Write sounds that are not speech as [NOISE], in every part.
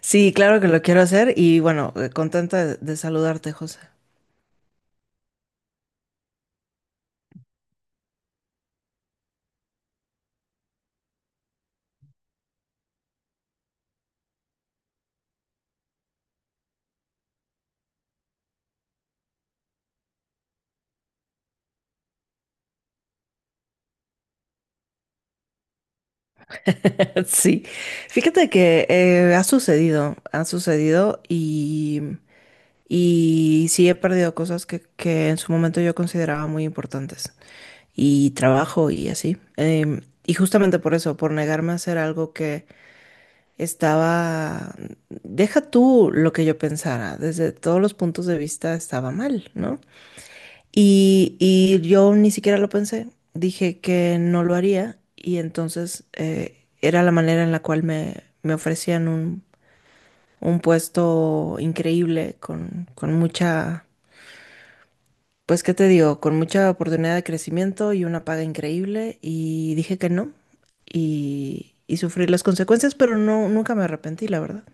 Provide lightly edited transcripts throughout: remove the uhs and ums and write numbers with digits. Sí, claro que lo quiero hacer y bueno, contenta de saludarte, José. [LAUGHS] Sí, fíjate que ha sucedido y sí he perdido cosas que en su momento yo consideraba muy importantes y trabajo y así. Y justamente por eso, por negarme a hacer algo que estaba, deja tú lo que yo pensara, desde todos los puntos de vista estaba mal, ¿no? Y yo ni siquiera lo pensé, dije que no lo haría y entonces era la manera en la cual me ofrecían un puesto increíble con mucha, pues qué te digo, con mucha oportunidad de crecimiento y una paga increíble y dije que no y, y sufrí las consecuencias, pero no, nunca me arrepentí, la verdad.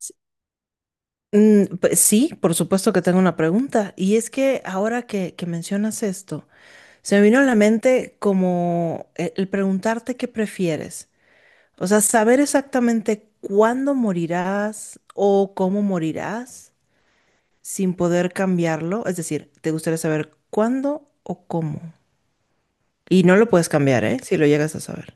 S- pues sí, por supuesto que tengo una pregunta y es que ahora que mencionas esto, se me vino a la mente como el preguntarte qué prefieres. O sea, saber exactamente cuándo morirás o cómo morirás sin poder cambiarlo. Es decir, te gustaría saber cuándo o cómo. Y no lo puedes cambiar, ¿eh? Si lo llegas a saber.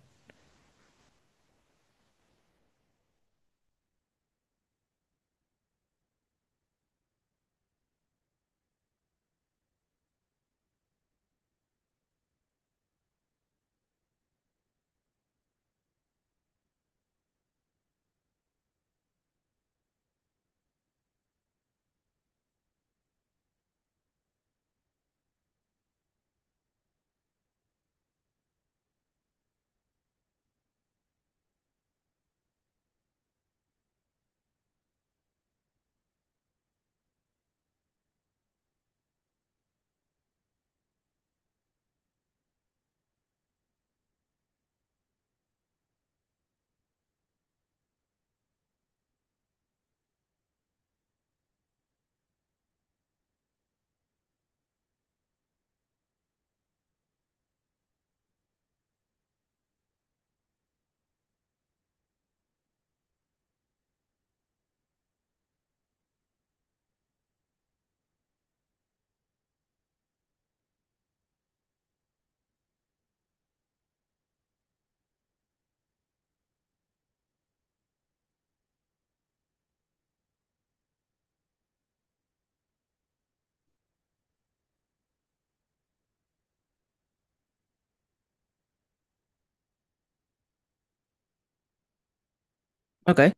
Ok.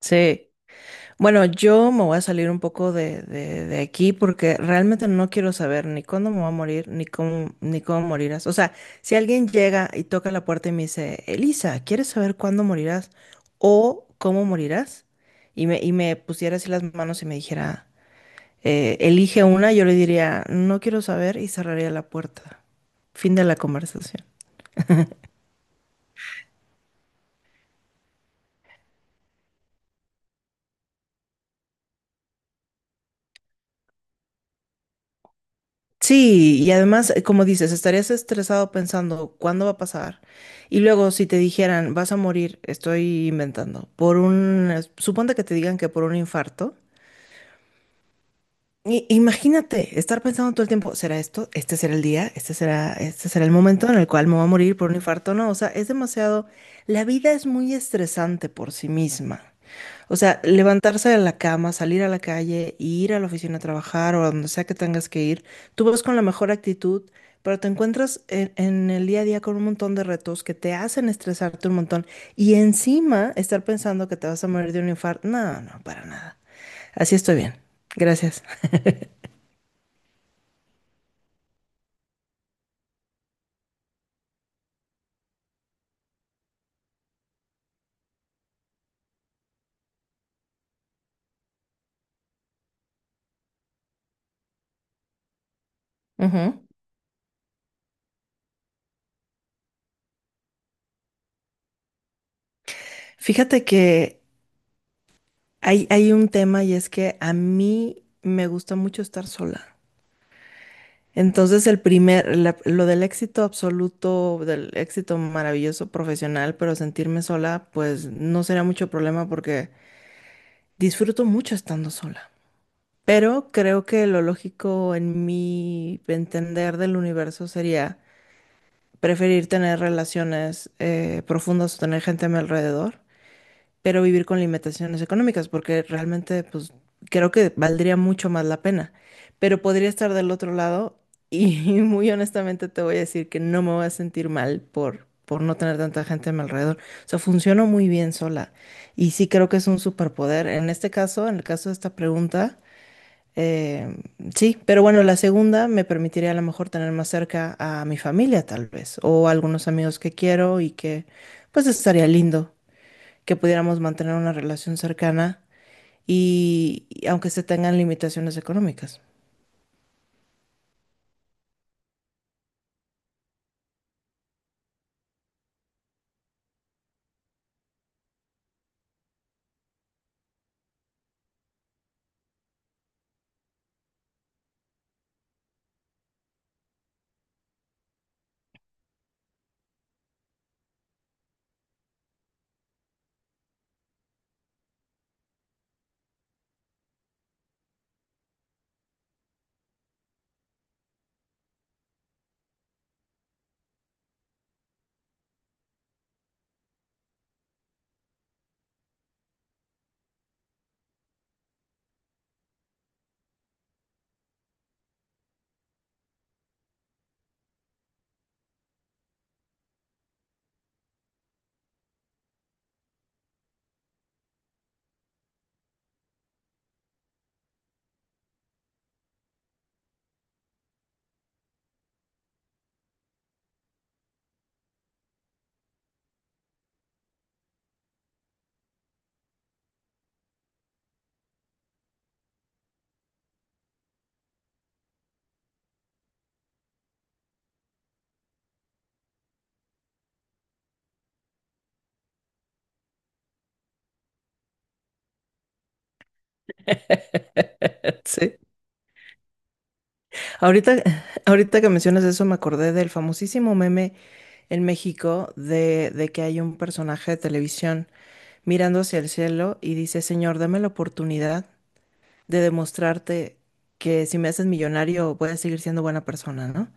Sí. Bueno, yo me voy a salir un poco de, de aquí porque realmente no quiero saber ni cuándo me voy a morir, ni cómo, ni cómo morirás. O sea, si alguien llega y toca la puerta y me dice, Elisa, ¿quieres saber cuándo morirás o cómo morirás? Y me pusiera así las manos y me dijera, elige una", yo le diría, no quiero saber y cerraría la puerta. Fin de la conversación. Sí, y además, como dices, estarías estresado pensando cuándo va a pasar. Y luego, si te dijeran, vas a morir, estoy inventando, por un, suponte que te digan que por un infarto. Imagínate estar pensando todo el tiempo, ¿será esto? ¿Este será el día? ¿Este será el momento en el cual me voy a morir por un infarto? No, o sea, es demasiado, la vida es muy estresante por sí misma. O sea, levantarse de la cama, salir a la calle, ir a la oficina a trabajar o a donde sea que tengas que ir, tú vas con la mejor actitud, pero te encuentras en el día a día con un montón de retos que te hacen estresarte un montón y encima estar pensando que te vas a morir de un infarto. No, no, para nada. Así estoy bien. Gracias. Ujú. Fíjate que hay un tema y es que a mí me gusta mucho estar sola. Entonces, el primer, lo del éxito absoluto, del éxito maravilloso profesional, pero sentirme sola, pues no será mucho problema porque disfruto mucho estando sola. Pero creo que lo lógico en mi entender del universo sería preferir tener relaciones profundas o tener gente a mi alrededor pero vivir con limitaciones económicas, porque realmente, pues, creo que valdría mucho más la pena. Pero podría estar del otro lado y [LAUGHS] muy honestamente te voy a decir que no me voy a sentir mal por no tener tanta gente a mi alrededor. O sea, funciono muy bien sola y sí creo que es un superpoder. En este caso, en el caso de esta pregunta, eh, sí, pero bueno, la segunda me permitiría a lo mejor tener más cerca a mi familia, tal vez, o a algunos amigos que quiero y que, pues, estaría lindo que pudiéramos mantener una relación cercana y aunque se tengan limitaciones económicas. [LAUGHS] Sí. Ahorita, ahorita que mencionas eso, me acordé del famosísimo meme en México de que hay un personaje de televisión mirando hacia el cielo y dice, Señor, dame la oportunidad de demostrarte que si me haces millonario voy a seguir siendo buena persona, ¿no?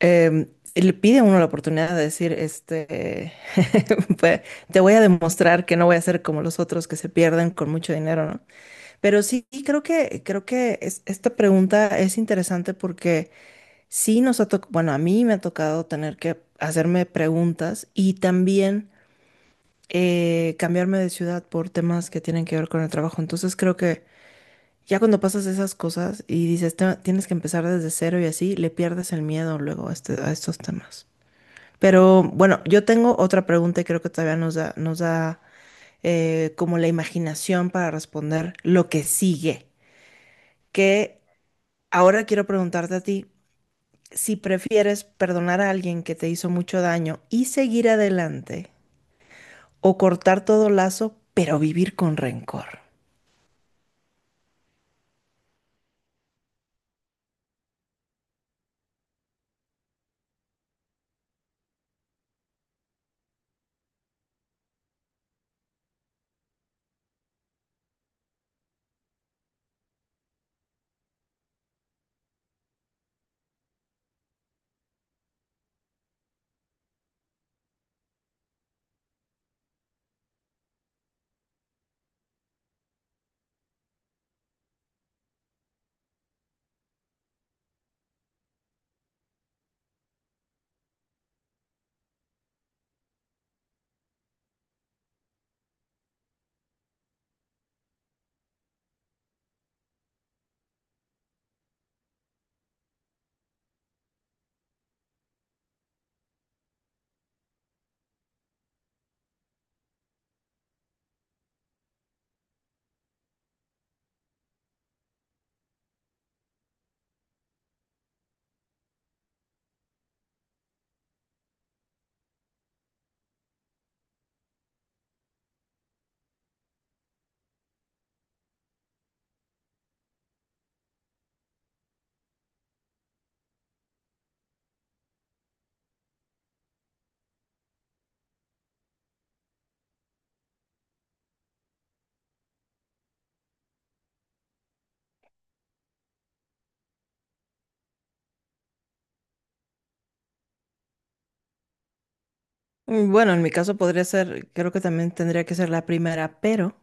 em, le pide a uno la oportunidad de decir, este, [LAUGHS] pues, te voy a demostrar que no voy a ser como los otros que se pierden con mucho dinero, ¿no? Pero sí, creo que esta pregunta es interesante porque sí nos ha tocado, bueno, a mí me ha tocado tener que hacerme preguntas y también cambiarme de ciudad por temas que tienen que ver con el trabajo. Entonces creo que ya cuando pasas esas cosas y dices, Tienes que empezar desde cero y así", le pierdes el miedo luego a a estos temas. Pero bueno, yo tengo otra pregunta y creo que todavía nos da como la imaginación para responder lo que sigue. Que ahora quiero preguntarte a ti si prefieres perdonar a alguien que te hizo mucho daño y seguir adelante o cortar todo lazo, pero vivir con rencor. Mm, bueno, en mi caso podría ser, creo que también tendría que ser la primera, pero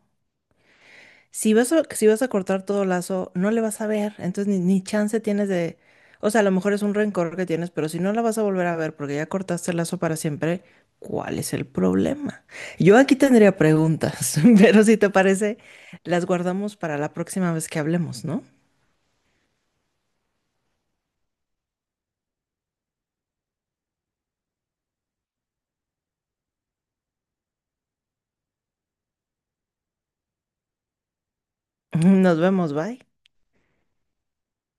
si vas a, si vas a cortar todo lazo, no le vas a ver, entonces ni, ni chance tienes de... O sea, a lo mejor es un rencor que tienes, pero si no la vas a volver a ver porque ya cortaste el lazo para siempre, ¿cuál es el problema? Yo aquí tendría preguntas, [LAUGHS] pero si te parece, las guardamos para la próxima vez que hablemos, ¿no? [LAUGHS] Nos vemos, bye.